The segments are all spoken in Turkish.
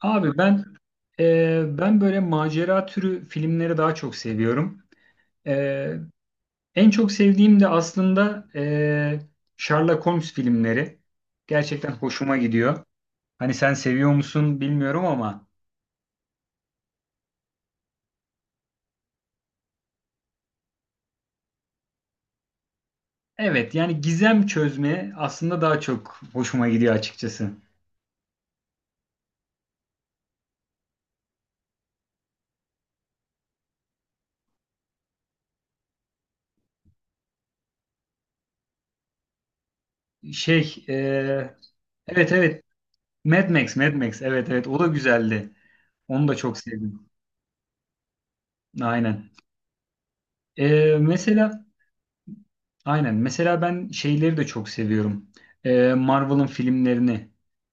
Abi ben ben böyle macera türü filmleri daha çok seviyorum. E, En çok sevdiğim de aslında Sherlock Holmes filmleri. Gerçekten hoşuma gidiyor. Hani sen seviyor musun bilmiyorum ama evet, yani gizem çözme aslında daha çok hoşuma gidiyor açıkçası. Şey e, evet, evet, Mad Max, Mad Max, evet evet, o da güzeldi. Onu da çok sevdim. Aynen. Mesela. Aynen. Mesela ben şeyleri de çok seviyorum. Marvel'ın filmlerini.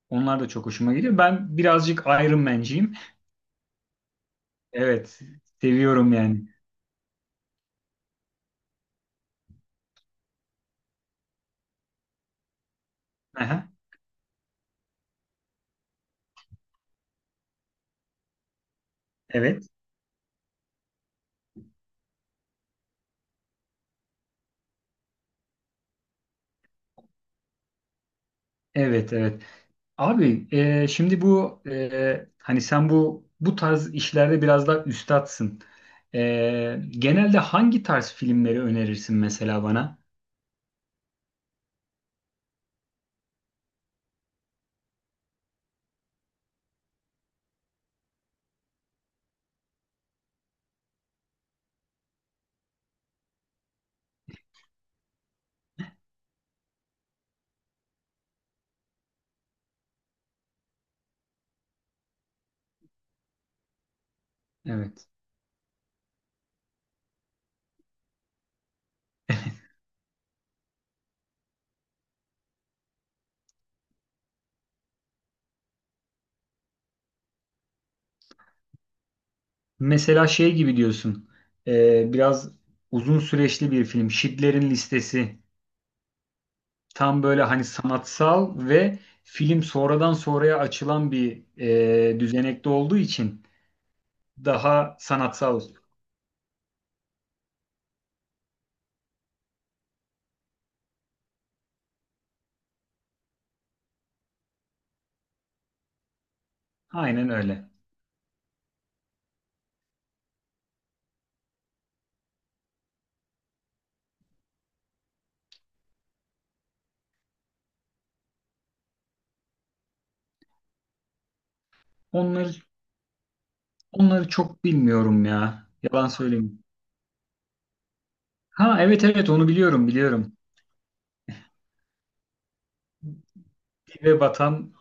Onlar da çok hoşuma gidiyor. Ben birazcık Iron Man'ciyim. Evet. Seviyorum yani. Aha, evet. Evet, evet. Abi şimdi bu hani sen bu tarz işlerde biraz daha üstatsın. E, Genelde hangi tarz filmleri önerirsin mesela bana? Evet. Mesela şey gibi diyorsun. Biraz uzun süreçli bir film. Schindler'in Listesi. Tam böyle hani sanatsal ve film sonradan sonraya açılan bir düzenekte olduğu için daha sanatsal. Aynen öyle. Onları onları çok bilmiyorum ya. Yalan söyleyeyim. Ha evet evet, onu biliyorum, biliyorum. Dibe batan,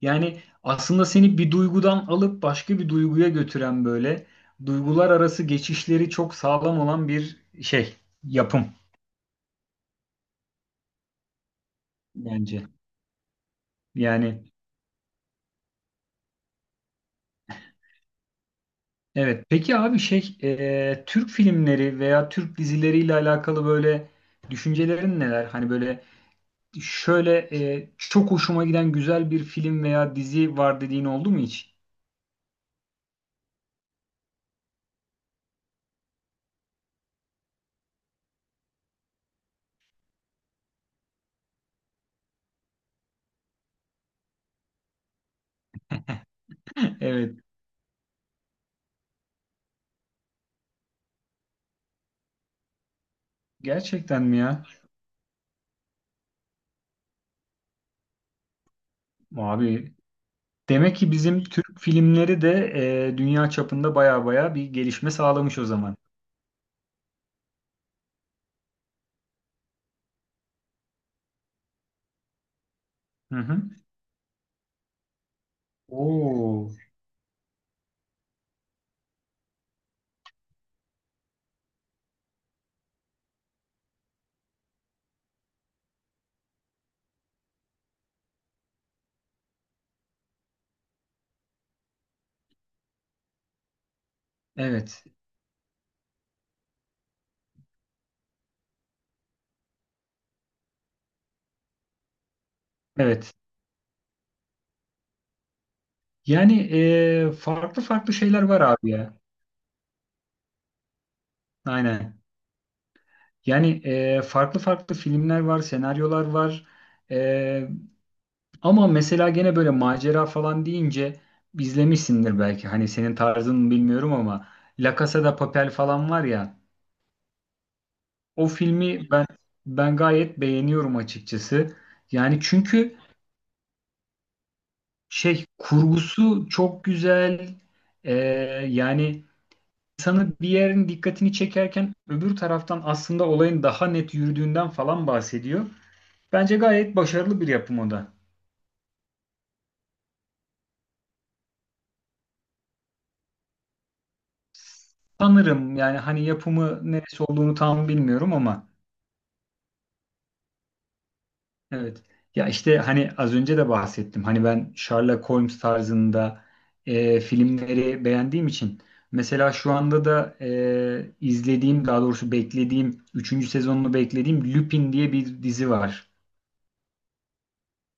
yani aslında seni bir duygudan alıp başka bir duyguya götüren böyle duygular arası geçişleri çok sağlam olan bir şey, yapım bence. Yani evet. Peki abi Türk filmleri veya Türk dizileriyle alakalı böyle düşüncelerin neler? Hani böyle şöyle çok hoşuma giden güzel bir film veya dizi var dediğin oldu mu hiç? Evet. Gerçekten mi ya? Abi demek ki bizim Türk filmleri de dünya çapında baya baya bir gelişme sağlamış o zaman. Hı hı. Oo. Evet. Evet. Yani farklı farklı şeyler var abi ya. Aynen. Yani farklı farklı filmler var, senaryolar var. E, Ama mesela gene böyle macera falan deyince izlemişsindir belki. Hani senin tarzın mı bilmiyorum ama La Casa de Papel falan var ya. O filmi ben gayet beğeniyorum açıkçası. Yani çünkü şey kurgusu çok güzel. E, yani insanı bir yerin dikkatini çekerken öbür taraftan aslında olayın daha net yürüdüğünden falan bahsediyor. Bence gayet başarılı bir yapım o da. Sanırım yani hani yapımı neresi olduğunu tam bilmiyorum ama evet. Ya işte hani az önce de bahsettim. Hani ben Sherlock Holmes tarzında filmleri beğendiğim için mesela şu anda da izlediğim, daha doğrusu beklediğim, üçüncü sezonunu beklediğim Lupin diye bir dizi var.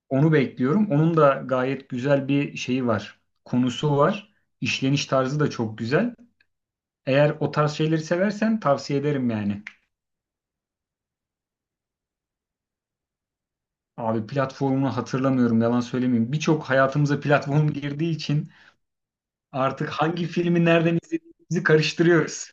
Onu bekliyorum. Onun da gayet güzel bir şeyi var. Konusu var. İşleniş tarzı da çok güzel. Eğer o tarz şeyleri seversen tavsiye ederim yani. Abi platformunu hatırlamıyorum, yalan söylemeyeyim. Birçok hayatımıza platform girdiği için artık hangi filmi nereden izlediğimizi karıştırıyoruz.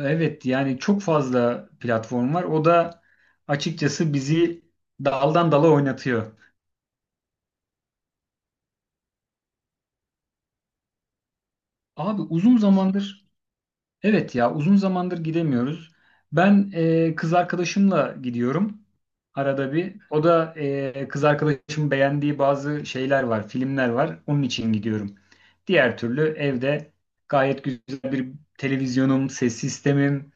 Evet, yani çok fazla platform var. O da açıkçası bizi daldan dala oynatıyor. Abi uzun zamandır, evet ya, uzun zamandır gidemiyoruz. Ben kız arkadaşımla gidiyorum arada bir. O da kız arkadaşımın beğendiği bazı şeyler var, filmler var. Onun için gidiyorum. Diğer türlü evde gayet güzel bir televizyonum, ses sistemim,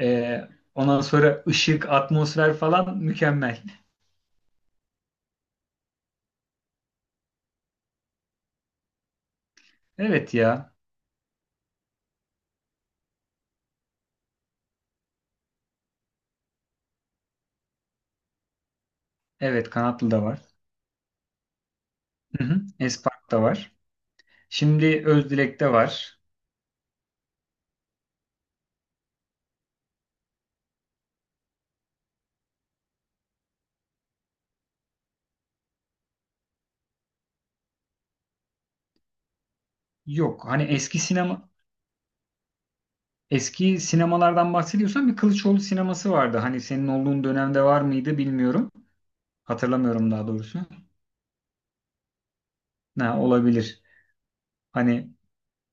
e, ondan sonra ışık, atmosfer falan mükemmel. Evet ya. Evet, Kanatlı da var. Hı hı. Espark var. Şimdi Özdilek'te var. Yok hani eski sinema, eski sinemalardan bahsediyorsan bir Kılıçoğlu sineması vardı. Hani senin olduğun dönemde var mıydı bilmiyorum. Hatırlamıyorum daha doğrusu. Ne olabilir. Hani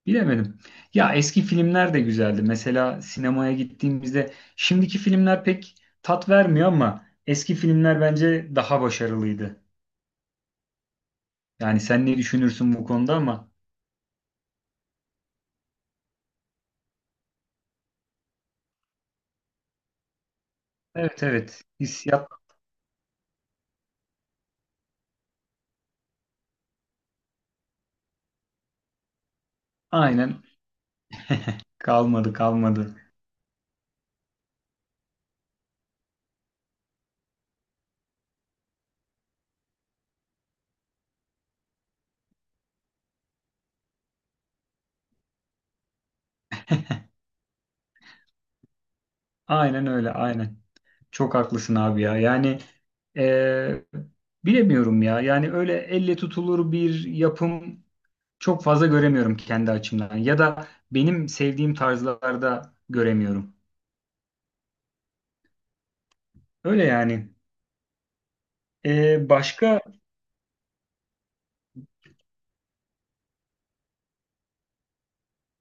bilemedim. Ya eski filmler de güzeldi. Mesela sinemaya gittiğimizde şimdiki filmler pek tat vermiyor ama eski filmler bence daha başarılıydı. Yani sen ne düşünürsün bu konuda ama evet evet, hissiyat aynen, kalmadı, kalmadı. Aynen öyle, aynen. Çok haklısın abi ya. Yani eee, bilemiyorum ya. Yani öyle elle tutulur bir yapım çok fazla göremiyorum kendi açımdan. Ya da benim sevdiğim tarzlarda göremiyorum. Öyle yani. Başka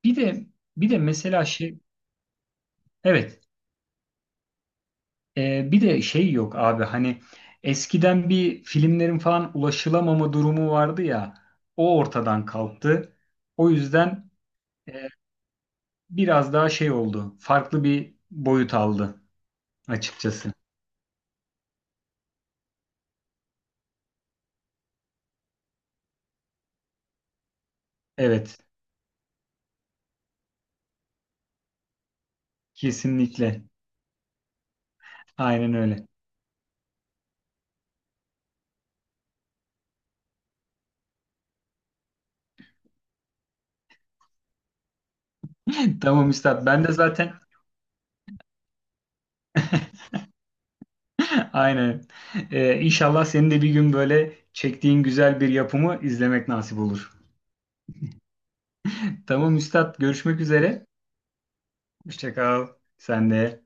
bir de mesela şey, evet, bir de şey yok abi hani eskiden bir filmlerin falan ulaşılamama durumu vardı ya, o ortadan kalktı. O yüzden biraz daha şey oldu. Farklı bir boyut aldı açıkçası. Evet, kesinlikle. Aynen öyle. Tamam üstad. Ben de zaten aynen. İnşallah senin de bir gün böyle çektiğin güzel bir yapımı izlemek nasip olur. Tamam üstad. Görüşmek üzere. Hoşça kal. Sen de.